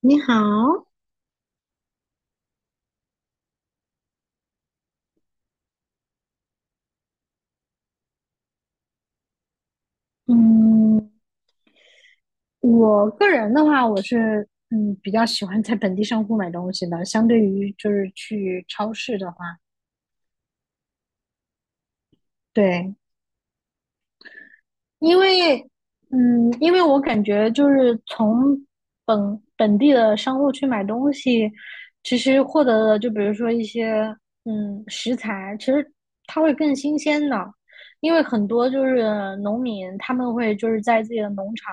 你好，嗯，我个人的话，我是比较喜欢在本地商户买东西的，相对于就是去超市的话，对，因为，因为我感觉就是从本地的商户去买东西，其实获得的就比如说一些食材，其实它会更新鲜的。因为很多就是农民他们会就是在自己的农场，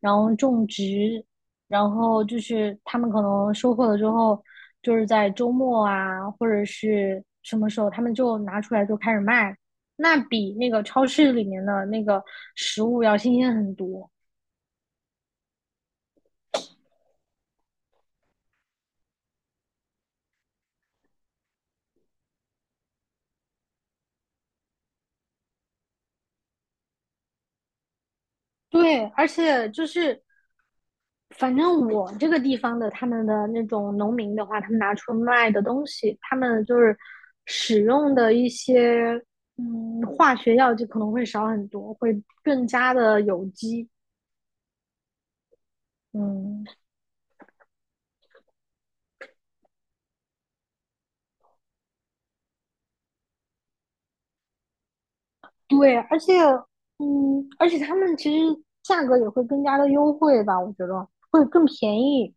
然后种植，然后就是他们可能收获了之后，就是在周末啊或者是什么时候他们就拿出来就开始卖，那比那个超市里面的那个食物要新鲜很多。对，而且就是反正我这个地方的他们的那种农民的话，他们拿出卖的东西，他们就是使用的一些化学药剂可能会少很多，会更加的有机。嗯，对，而且他们其实价格也会更加的优惠吧，我觉得会更便宜。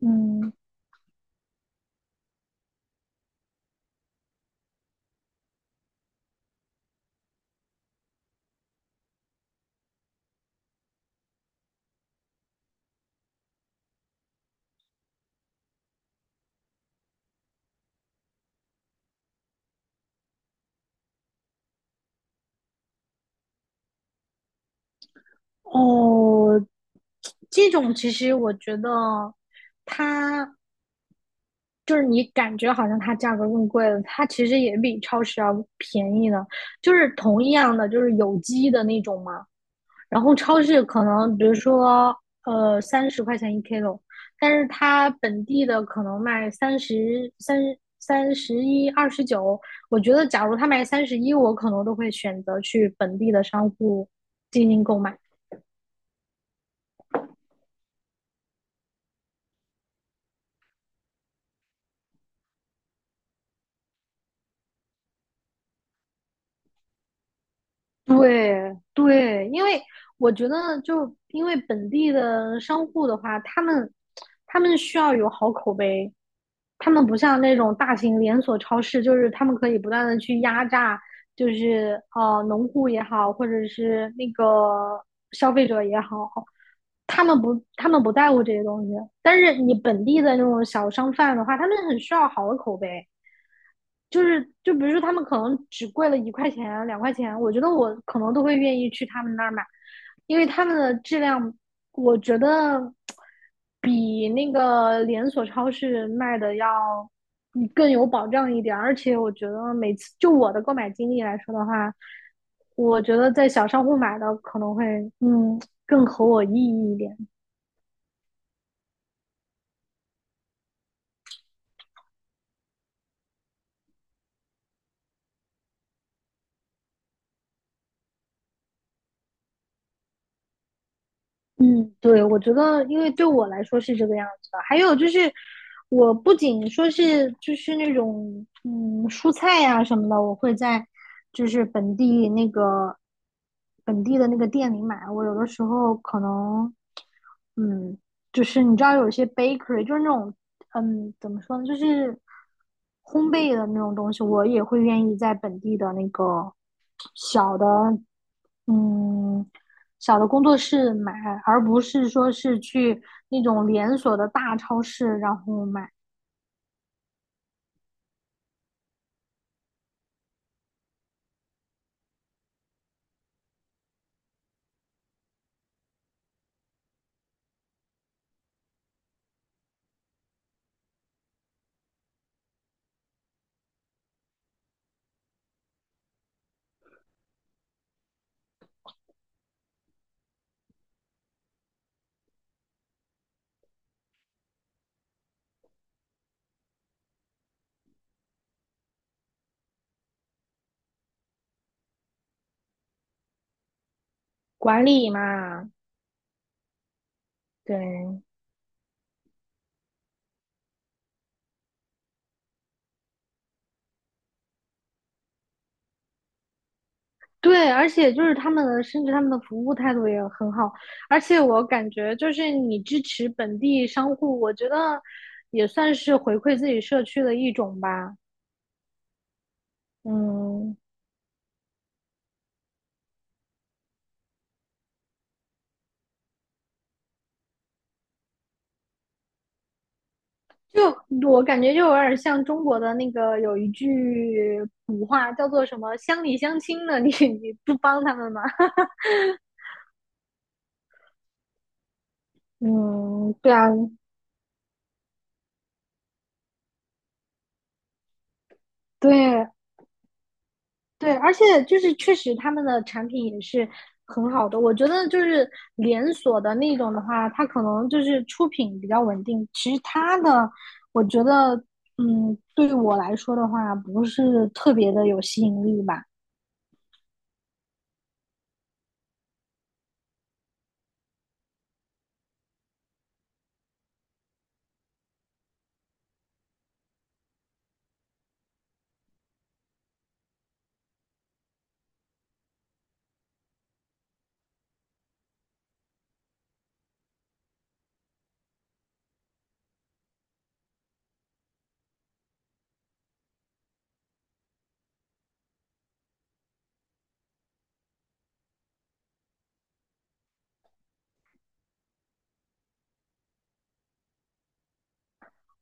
嗯，哦，这种其实我觉得它就是你感觉好像它价格更贵了，它其实也比超市要便宜的，就是同样的就是有机的那种嘛。然后超市可能比如说30块钱一 kilo，但是它本地的可能卖33三十一29。我觉得假如它卖三十一，我可能都会选择去本地的商户进行购买。对对，因为我觉得，就因为本地的商户的话，他们需要有好口碑。他们不像那种大型连锁超市，就是他们可以不断的去压榨，就是农户也好，或者是那个消费者也好，他们不在乎这些东西。但是你本地的那种小商贩的话，他们很需要好的口碑。就是就比如说他们可能只贵了1块钱、2块钱，我觉得我可能都会愿意去他们那儿买，因为他们的质量，我觉得比那个连锁超市卖的要更有保障一点。而且我觉得每次就我的购买经历来说的话，我觉得在小商户买的可能会嗯更合我意义一点。嗯，对，我觉得，因为对我来说是这个样子的。还有就是，我不仅说是就是那种蔬菜呀、什么的，我会在就是本地的那个店里买。我有的时候可能，嗯，就是你知道有些 bakery 就是那种怎么说呢？就是烘焙的那种东西，我也会愿意在本地的那个小的，嗯，小的工作室买，而不是说是去那种连锁的大超市然后买。管理嘛。对，对，而且就是他们的，甚至他们的服务态度也很好。而且我感觉就是你支持本地商户，我觉得也算是回馈自己社区的一种吧。嗯。就我感觉就有点像中国的那个有一句古话叫做什么"乡里乡亲"的，你 你不帮他们吗？嗯，对啊，对对，而且就是确实他们的产品也是很好的。我觉得就是连锁的那种的话，它可能就是出品比较稳定，其实它的我觉得，对我来说的话，不是特别的有吸引力吧。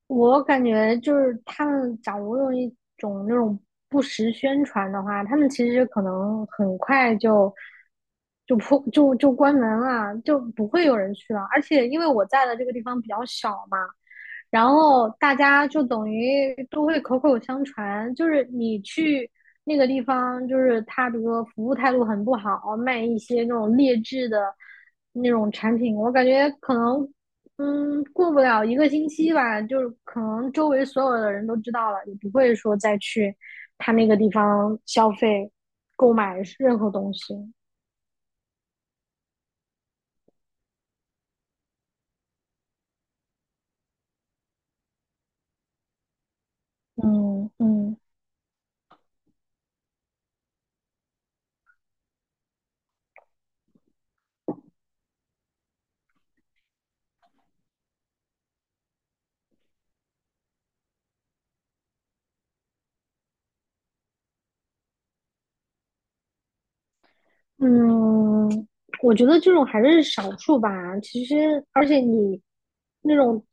我感觉就是他们假如用一种那种不实宣传的话，他们其实可能很快就关门了，就不会有人去了。而且因为我在的这个地方比较小嘛，然后大家就等于都会口口相传，就是你去那个地方，就是他比如说服务态度很不好，卖一些那种劣质的那种产品，我感觉可能过不了一个星期吧，就是可能周围所有的人都知道了，也不会说再去他那个地方消费、购买任何东西。嗯嗯。嗯，我觉得这种还是少数吧。其实，而且你那种，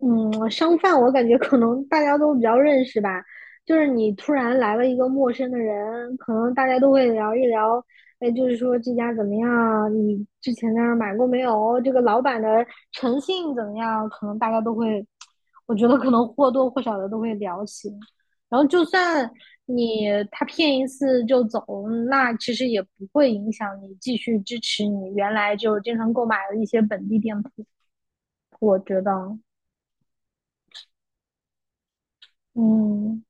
商贩，我感觉可能大家都比较认识吧。就是你突然来了一个陌生的人，可能大家都会聊一聊，哎，就是说这家怎么样？你之前在那儿买过没有？这个老板的诚信怎么样？可能大家都会，我觉得可能或多或少的都会聊起。然后就算你他骗一次就走，那其实也不会影响你继续支持你原来就经常购买的一些本地店铺，我觉得。嗯，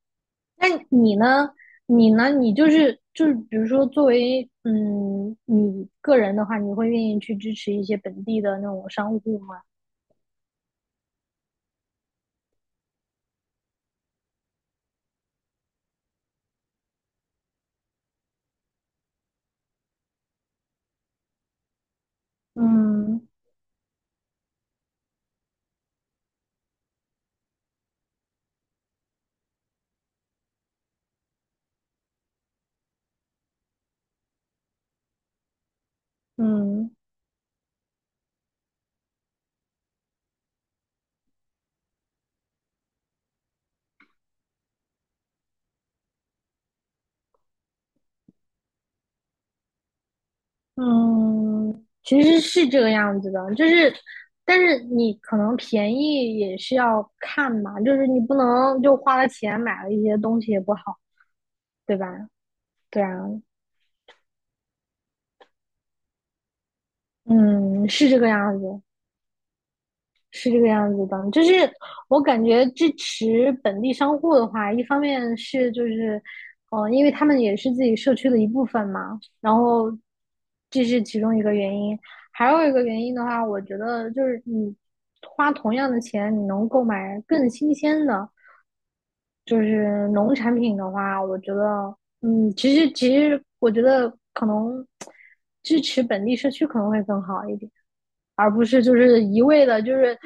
那你呢？你呢？你比如说作为你个人的话，你会愿意去支持一些本地的那种商户吗？嗯嗯。嗯，其实是这个样子的，就是，但是你可能便宜也是要看嘛，就是你不能就花了钱买了一些东西也不好，对吧？对啊，嗯，是这个样子。是这个样子的，就是我感觉支持本地商户的话，一方面是就是，因为他们也是自己社区的一部分嘛，然后这是其中一个原因。还有一个原因的话，我觉得就是你花同样的钱，你能购买更新鲜的，就是农产品的话，我觉得，其实我觉得可能支持本地社区可能会更好一点。而不是就是一味的，就是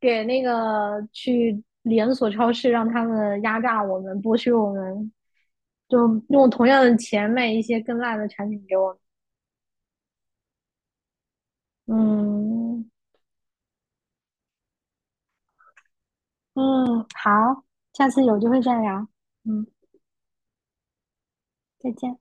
给那个去连锁超市让他们压榨我们、剥削我们，就用同样的钱卖一些更烂的产品给我们。嗯嗯，好，下次有机会再聊。嗯，再见。